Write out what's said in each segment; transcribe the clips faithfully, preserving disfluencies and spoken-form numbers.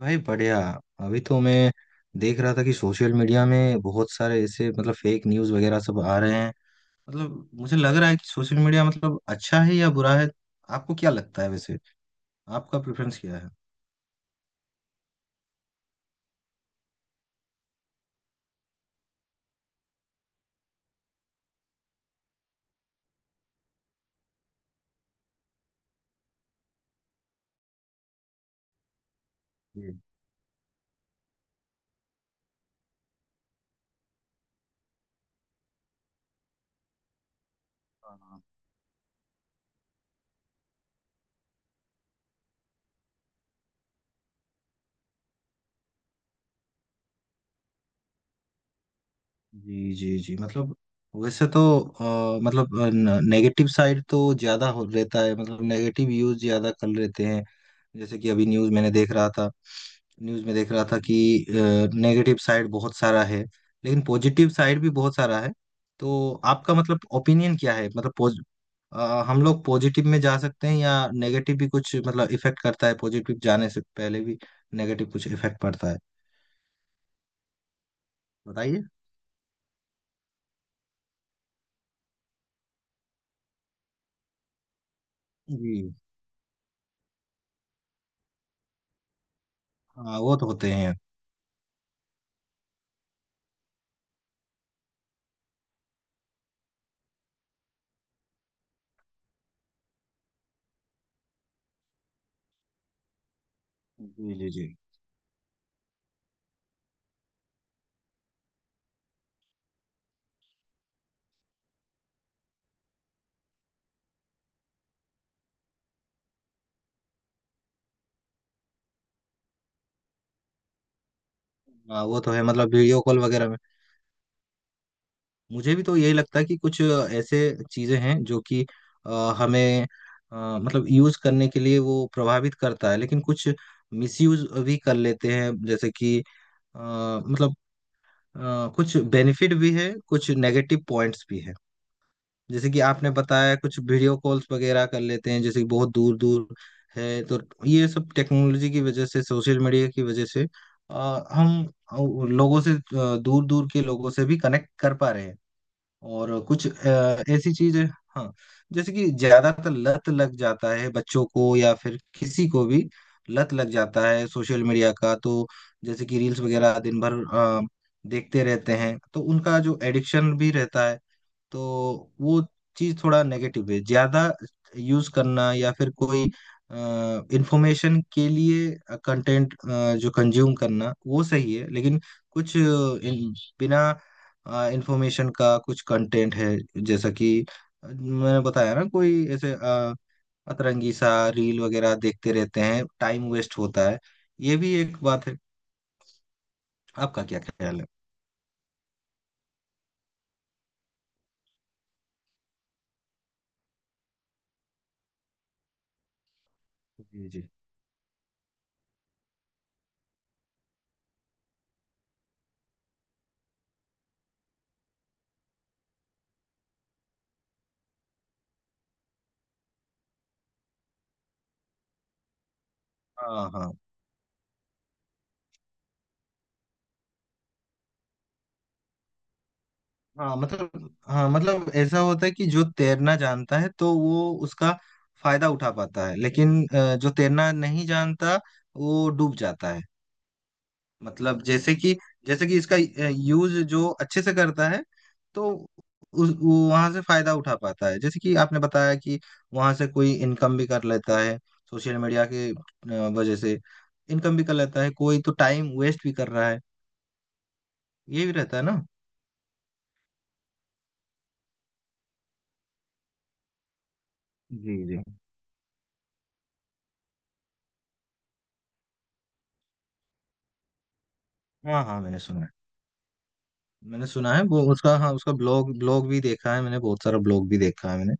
भाई बढ़िया। अभी तो मैं देख रहा था कि सोशल मीडिया में बहुत सारे ऐसे मतलब फेक न्यूज़ वगैरह सब आ रहे हैं। मतलब मुझे लग रहा है कि सोशल मीडिया मतलब अच्छा है या बुरा है। आपको क्या लगता है वैसे। आपका प्रेफरेंस क्या है। जी जी जी जी मतलब वैसे तो अ, मतलब नेगेटिव साइड तो ज्यादा हो रहता है। मतलब नेगेटिव यूज ज्यादा कर लेते हैं। जैसे कि अभी न्यूज मैंने देख रहा था। न्यूज में देख रहा था कि नेगेटिव साइड बहुत सारा है लेकिन पॉजिटिव साइड भी बहुत सारा है। तो आपका मतलब ओपिनियन क्या है मतलब पॉज- अ, हम लोग पॉजिटिव में जा सकते हैं या नेगेटिव भी कुछ मतलब इफेक्ट करता है पॉजिटिव जाने से पहले भी। नेगेटिव कुछ इफेक्ट पड़ता है। बताइए। जी। हाँ वो तो होते हैं। जी जी जी। हाँ वो तो है मतलब वीडियो कॉल वगैरह में। मुझे भी तो यही लगता है कि कुछ ऐसे चीजें हैं जो कि अ, हमें अ, मतलब यूज करने के लिए वो प्रभावित करता है लेकिन कुछ मिसयूज भी कर लेते हैं। जैसे कि अ, मतलब अ, कुछ बेनिफिट भी है कुछ नेगेटिव पॉइंट्स भी है। जैसे कि आपने बताया कुछ वीडियो कॉल्स वगैरह कर लेते हैं। जैसे कि बहुत दूर दूर है तो ये सब टेक्नोलॉजी की वजह से सोशल मीडिया की वजह से अ, हम अ, लोगों से दूर दूर के लोगों से भी कनेक्ट कर पा रहे हैं और कुछ अ, ऐसी चीज। हाँ। जैसे कि ज्यादातर लत लग जाता है बच्चों को या फिर किसी को भी लत लग जाता है सोशल मीडिया का। तो जैसे कि रील्स वगैरह दिन भर अ, देखते रहते हैं तो उनका जो एडिक्शन भी रहता है। तो वो चीज थोड़ा नेगेटिव है। ज्यादा यूज करना या फिर कोई इंफॉर्मेशन के लिए कंटेंट जो कंज्यूम करना वो सही है लेकिन कुछ अ, इन, बिना इंफॉर्मेशन का कुछ कंटेंट है। जैसा कि मैंने बताया ना कोई ऐसे अ, अतरंगी सा रील वगैरह देखते रहते हैं। टाइम वेस्ट होता है। ये भी एक बात है। आपका क्या ख्याल है। जी जी। हाँ हाँ हाँ मतलब हाँ मतलब ऐसा होता है कि जो तैरना जानता है तो वो उसका फायदा उठा पाता है लेकिन अ, जो तैरना नहीं जानता वो डूब जाता है। मतलब जैसे कि जैसे कि इसका यूज जो अच्छे से करता है तो उस वहां से फायदा उठा पाता है। जैसे कि आपने बताया कि वहां से कोई इनकम भी कर लेता है सोशल मीडिया के अ, वजह से। इनकम भी कर लेता है कोई तो टाइम वेस्ट भी कर रहा है। ये भी रहता है ना। जी जी। हाँ हाँ मैंने सुना है। मैंने सुना है वो उसका, हाँ उसका ब्लॉग, ब्लॉग भी देखा है मैंने बहुत सारा ब्लॉग भी देखा है मैंने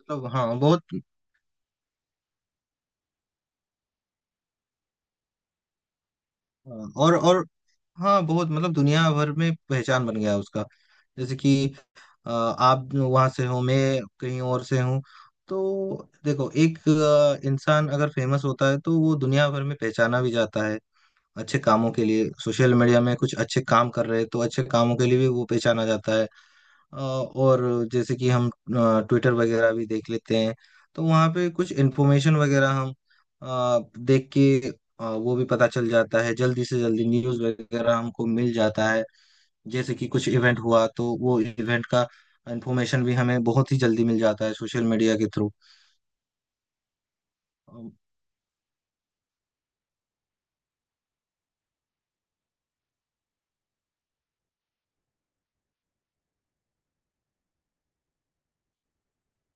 मतलब हाँ बहुत। हाँ, और और हाँ बहुत मतलब दुनिया भर में पहचान बन गया है उसका। जैसे कि अ, आप वहां से हो, मैं कहीं और से हूँ। तो देखो एक अ, इंसान अगर फेमस होता है तो वो दुनिया भर में पहचाना भी जाता है। अच्छे कामों के लिए सोशल मीडिया में कुछ अच्छे काम कर रहे हैं तो अच्छे कामों के लिए भी वो पहचाना जाता है। अ, और जैसे कि हम ट्विटर वगैरह भी देख लेते हैं तो वहाँ पे कुछ इन्फॉर्मेशन वगैरह हम अ, देख के अ, वो भी पता चल जाता है। जल्दी से जल्दी न्यूज़ वगैरह हमको मिल जाता है। जैसे कि कुछ इवेंट हुआ तो वो इवेंट का इन्फॉर्मेशन भी हमें बहुत ही जल्दी मिल जाता है सोशल मीडिया के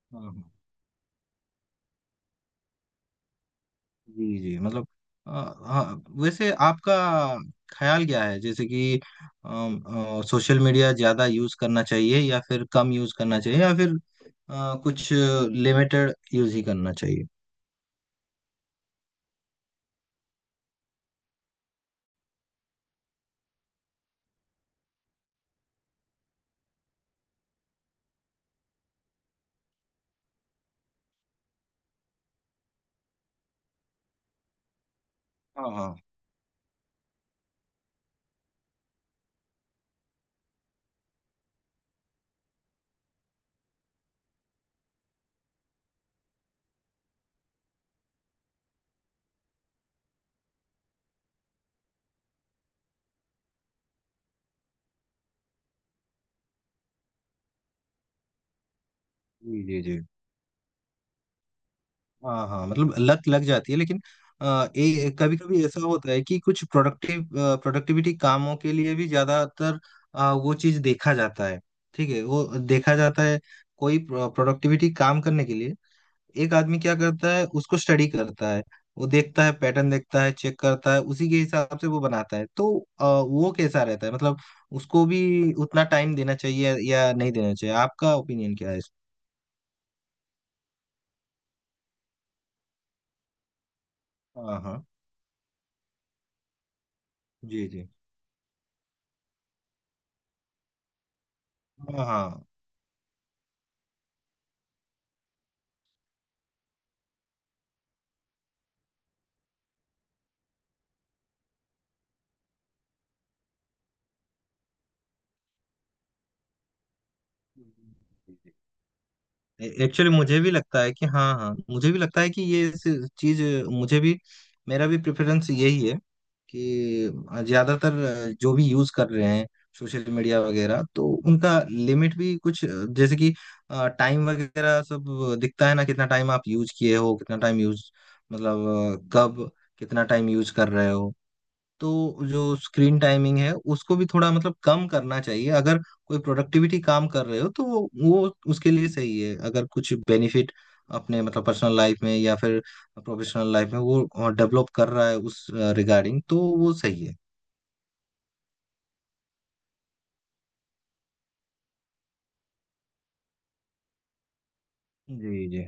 थ्रू। जी जी मतलब अ, हाँ वैसे आपका ख्याल क्या है जैसे कि सोशल मीडिया ज्यादा यूज करना चाहिए या फिर कम यूज करना चाहिए या फिर अ, कुछ लिमिटेड यूज ही करना चाहिए। हाँ हाँ। जी जी जी। हाँ हाँ, मतलब लत लग जाती है लेकिन आ, ए, कभी कभी ऐसा होता है कि कुछ प्रोडक्टिव प्रोडक्टिविटी कामों के लिए भी ज्यादातर अ, वो चीज देखा जाता है। ठीक है वो देखा जाता है। कोई प्रोडक्टिविटी काम करने के लिए एक आदमी क्या करता है, उसको स्टडी करता है। वो देखता है, पैटर्न देखता है, चेक करता है, उसी के हिसाब से वो बनाता है। तो अ, वो कैसा रहता है मतलब उसको भी उतना टाइम देना चाहिए या नहीं देना चाहिए। आपका ओपिनियन क्या है इस। हाँ हाँ। जी जी। हाँ हाँ। एक्चुअली मुझे भी लगता है कि, हाँ हाँ, मुझे भी लगता है कि ये चीज मुझे भी, मेरा भी प्रेफरेंस यही है कि ज्यादातर जो भी यूज कर रहे हैं सोशल मीडिया वगैरह तो उनका लिमिट भी कुछ, जैसे कि टाइम वगैरह सब दिखता है ना कितना टाइम आप यूज किए हो कितना टाइम यूज मतलब अ, कब कितना टाइम यूज कर रहे हो। तो जो स्क्रीन टाइमिंग है उसको भी थोड़ा मतलब कम करना चाहिए। अगर कोई प्रोडक्टिविटी काम कर रहे हो तो वो वो उसके लिए सही है। अगर कुछ बेनिफिट अपने मतलब पर्सनल लाइफ में या फिर प्रोफेशनल लाइफ में वो डेवलप कर रहा है उस रिगार्डिंग तो वो सही है। जी जी।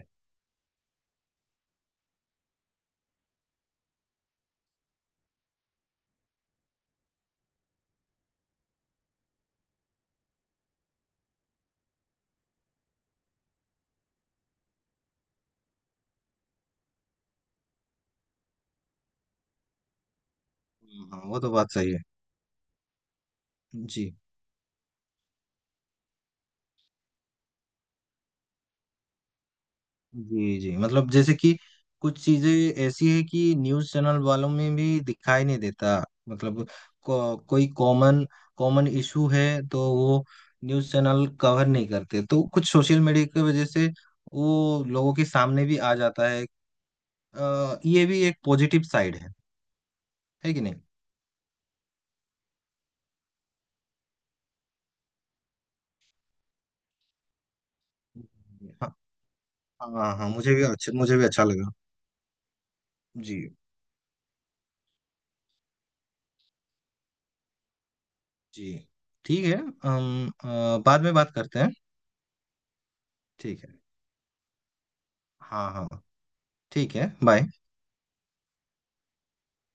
हाँ वो तो बात सही है। जी जी जी, मतलब जैसे कि कुछ चीजें ऐसी है कि न्यूज चैनल वालों में भी दिखाई नहीं देता। मतलब को, कोई कॉमन कॉमन इशू है तो वो न्यूज चैनल कवर नहीं करते तो कुछ सोशल मीडिया की वजह से वो लोगों के सामने भी आ जाता है। अ, ये भी एक पॉजिटिव साइड है। है कि नहीं। हाँ हाँ हाँ, मुझे भी अच्छा, मुझे भी अच्छा लगा। जी जी। ठीक है। हम अ, बाद में बात करते हैं। ठीक है। हाँ हाँ। ठीक है बाय।